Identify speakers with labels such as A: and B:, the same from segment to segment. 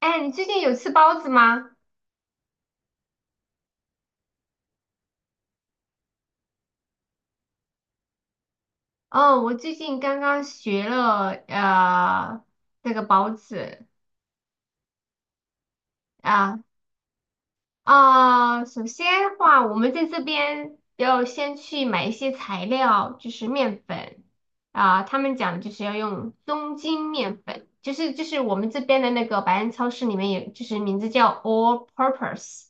A: 哎，你最近有吃包子吗？哦，我最近刚刚学了这个包子。啊。啊，首先的话，我们在这边要先去买一些材料，就是面粉。啊，他们讲就是要用中筋面粉，就是我们这边的那个百安超市里面有，就是名字叫 All Purpose。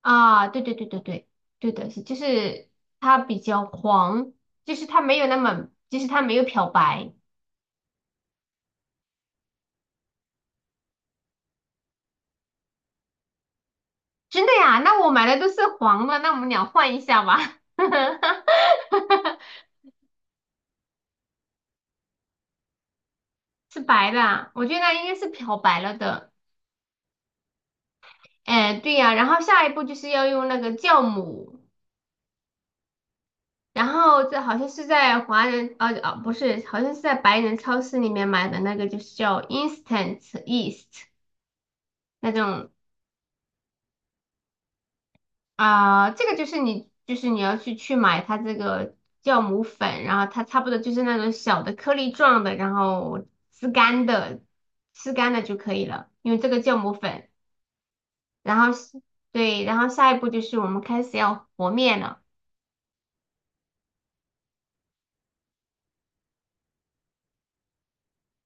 A: 啊，对对对对对。对的是，就是它比较黄，就是它没有那么，就是它没有漂白。真的呀？那我买的都是黄的，那我们俩换一下吧。是白的啊，我觉得应该是漂白了的。哎，对呀，然后下一步就是要用那个酵母。然后这好像是在华人，啊不是，好像是在白人超市里面买的那个，就是叫 instant yeast 那种。啊，这个就是你，就是你要去买它这个酵母粉，然后它差不多就是那种小的颗粒状的，然后吃干的，吃干的就可以了，因为这个酵母粉。然后是对，然后下一步就是我们开始要和面了。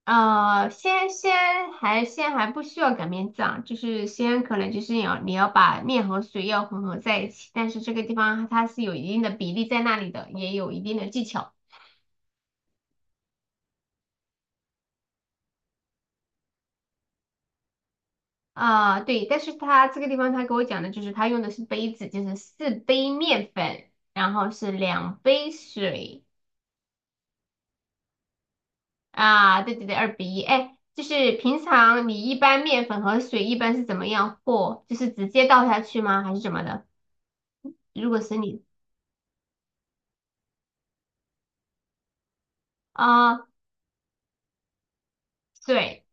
A: 先还不需要擀面杖，就是先可能就是你要你要把面和水要混合在一起，但是这个地方它是有一定的比例在那里的，也有一定的技巧。啊，对，但是他这个地方他给我讲的就是他用的是杯子，就是四杯面粉，然后是两杯水。啊，对对对，2比1。哎，就是平常你一般面粉和水一般是怎么样和？就是直接倒下去吗？还是怎么的？如果是你。啊，对，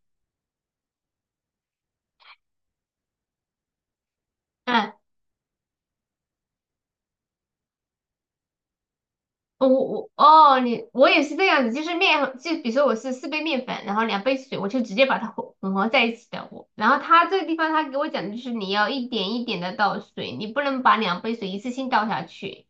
A: 嗯。哦，我哦，你我也是这样子，就是面和就比如说我是四杯面粉，然后两杯水，我就直接把它混合在一起的。我，然后他这个地方他给我讲的就是你要一点一点的倒水，你不能把两杯水一次性倒下去。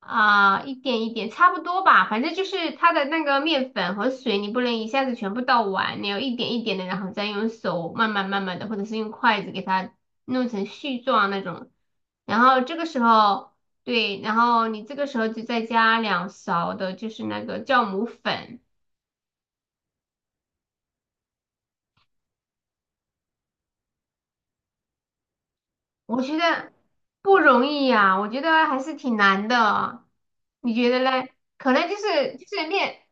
A: 啊，一点一点，差不多吧。反正就是它的那个面粉和水，你不能一下子全部倒完，你要一点一点的，然后再用手慢慢慢慢的，或者是用筷子给它弄成絮状那种。然后这个时候，对，然后你这个时候就再加两勺的，就是那个酵母粉。我觉得不容易呀，我觉得还是挺难的。你觉得嘞？可能就是就是面。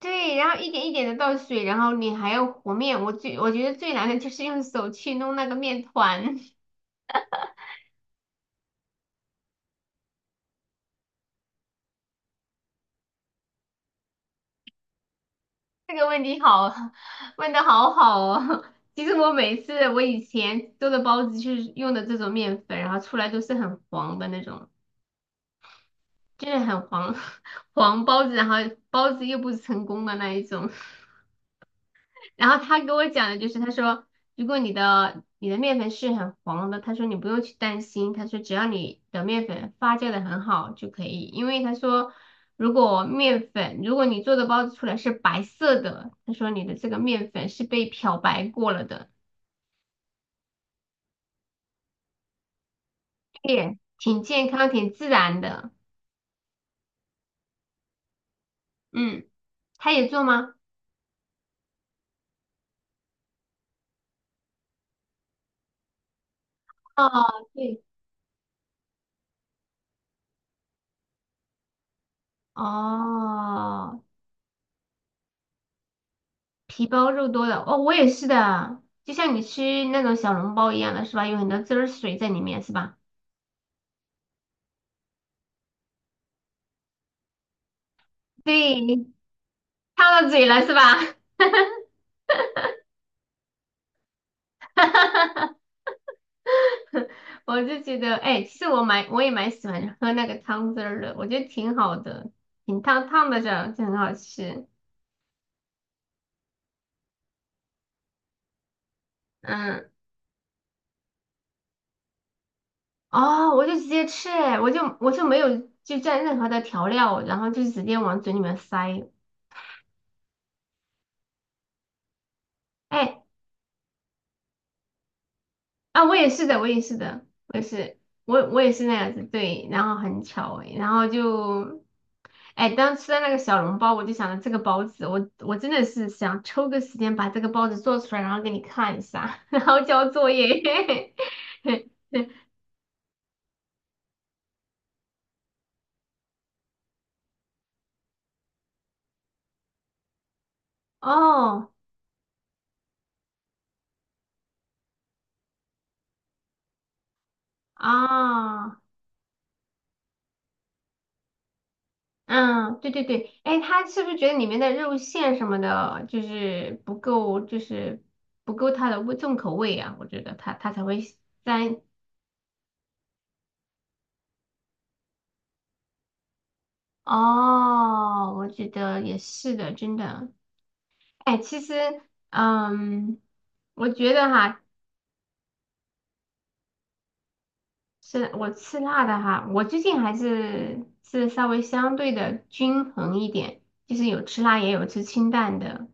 A: 对，然后一点一点的倒水，然后你还要和面。我觉得最难的就是用手去弄那个面团。这个问题好，问的好好哦。其实我每次我以前做的包子就是用的这种面粉，然后出来都是很黄的那种，就是很黄。 黄包子，然后包子又不成功的那一种。然后他给我讲的就是，他说如果你的你的面粉是很黄的，他说你不用去担心，他说只要你的面粉发酵的很好就可以，因为他说如果面粉如果你做的包子出来是白色的，他说你的这个面粉是被漂白过了的。对，挺健康挺自然的。嗯，他也做吗？哦，对。哦，皮包肉多的哦，我也是的啊，就像你吃那种小笼包一样的是吧？有很多汁儿水在里面是吧？对，烫到嘴了是吧？我就觉得，哎，其实我蛮我也喜欢喝那个汤汁儿的，我觉得挺好的，挺烫烫的着就很好吃。嗯。哦，我就直接吃，哎，我就没有就蘸任何的调料，然后就直接往嘴里面塞。哎，啊，我也是的，我也是的，我也是，我也是那样子。对，然后很巧诶，然后就，哎，当吃到那个小笼包，我就想着这个包子，我真的是想抽个时间把这个包子做出来，然后给你看一下，然后交作业。哦，啊，嗯，对对对，哎，他是不是觉得里面的肉馅什么的，就是不够，就是不够它的味重口味啊？我觉得他才会沾。哦，我觉得也是的，真的。哎，其实，嗯，我觉得哈，是我吃辣的哈，我最近还是稍微相对的均衡一点，就是有吃辣也有吃清淡的。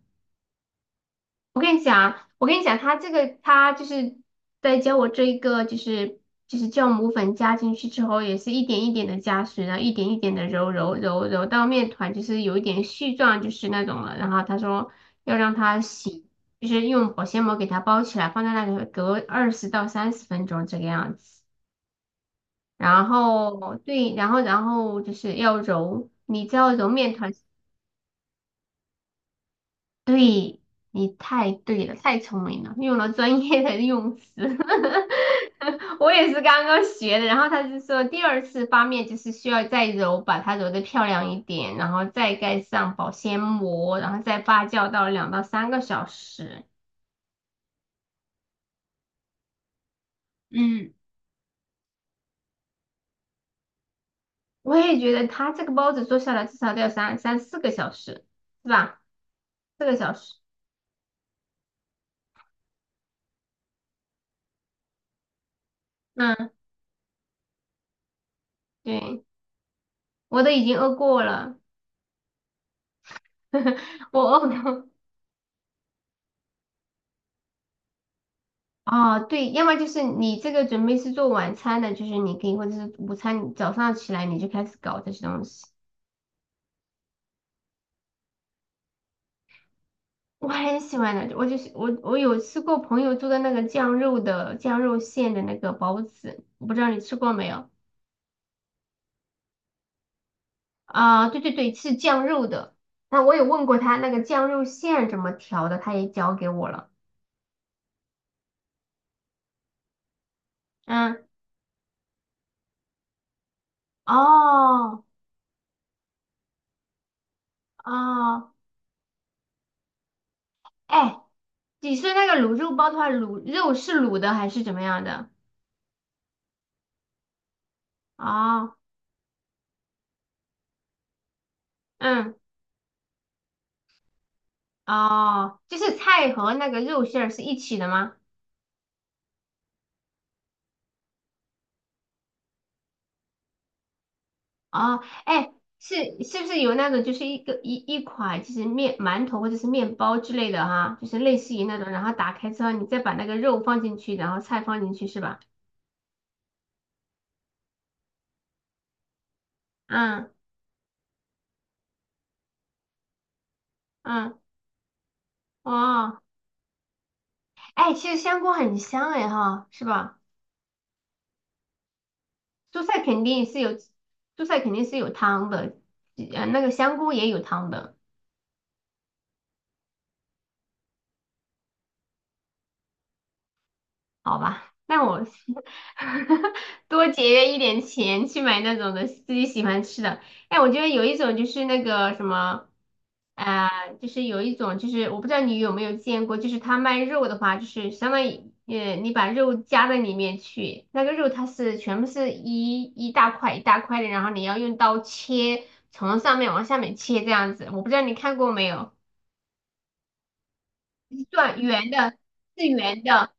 A: 我跟你讲，我跟你讲，他这个他就是在教我这一个，就是酵母粉加进去之后，也是一点一点的加水，然后一点一点的揉揉揉揉到面团就是有一点絮状，就是那种了。然后他说要让它洗，就是用保鲜膜给它包起来，放在那里隔20到30分钟这个样子。然后对，然后就是要揉，你知道揉面团。对，你太对了，太聪明了，用了专业的用词。我也是刚刚学的，然后他就说第二次发面就是需要再揉，把它揉的漂亮一点，然后再盖上保鲜膜，然后再发酵到2到3个小时。嗯，我也觉得他这个包子做下来至少得要三四个小时，是吧？四个小时。嗯，对，我都已经饿过了，我饿。哦，对，要么就是你这个准备是做晚餐的，就是你可以，或者是午餐，早上起来你就开始搞这些东西。我很喜欢的，我就是我有吃过朋友做的那个酱肉的酱肉馅的那个包子，我不知道你吃过没有？啊、对对对，是酱肉的。那我有问过他那个酱肉馅怎么调的，他也教给我了。嗯，哦哦，哎，你说那个卤肉包的话，卤肉是卤的还是怎么样的？哦，嗯。哦，就是菜和那个肉馅儿是一起的吗？哦，哎，是是不是有那种就是一个一款就是面馒头或者是面包之类的哈，就是类似于那种，然后打开之后你再把那个肉放进去，然后菜放进去是吧？嗯嗯。哦，哎，其实香菇很香哎哈，是吧？蔬菜肯定是有，蔬菜肯定是有汤的，那个香菇也有汤的。好吧，那我是 多节约一点钱去买那种的自己喜欢吃的。哎，我觉得有一种就是那个什么，啊，就是有一种就是我不知道你有没有见过，就是他卖肉的话，就是相当于你把肉夹在里面去，那个肉它是全部是一大块一大块的，然后你要用刀切，从上面往下面切这样子。我不知道你看过没有，一段圆的，是圆的。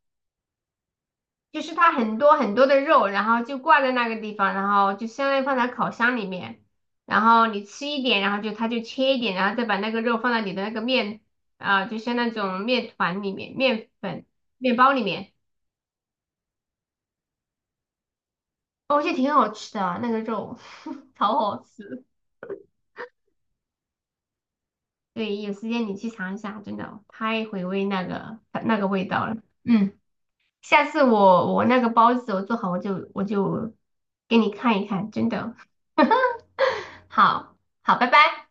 A: 就是它很多很多的肉，然后就挂在那个地方，然后就相当于放在烤箱里面，然后你吃一点，然后就它就切一点，然后再把那个肉放到你的那个面。啊、就像那种面团里面、面粉、面包里面。哦，我觉得挺好吃的那个肉，超好吃。对，有时间你去尝一下，真的太回味那个那个味道了。嗯，下次我那个包子我做好，我就给你看一看，真的 好好，拜拜。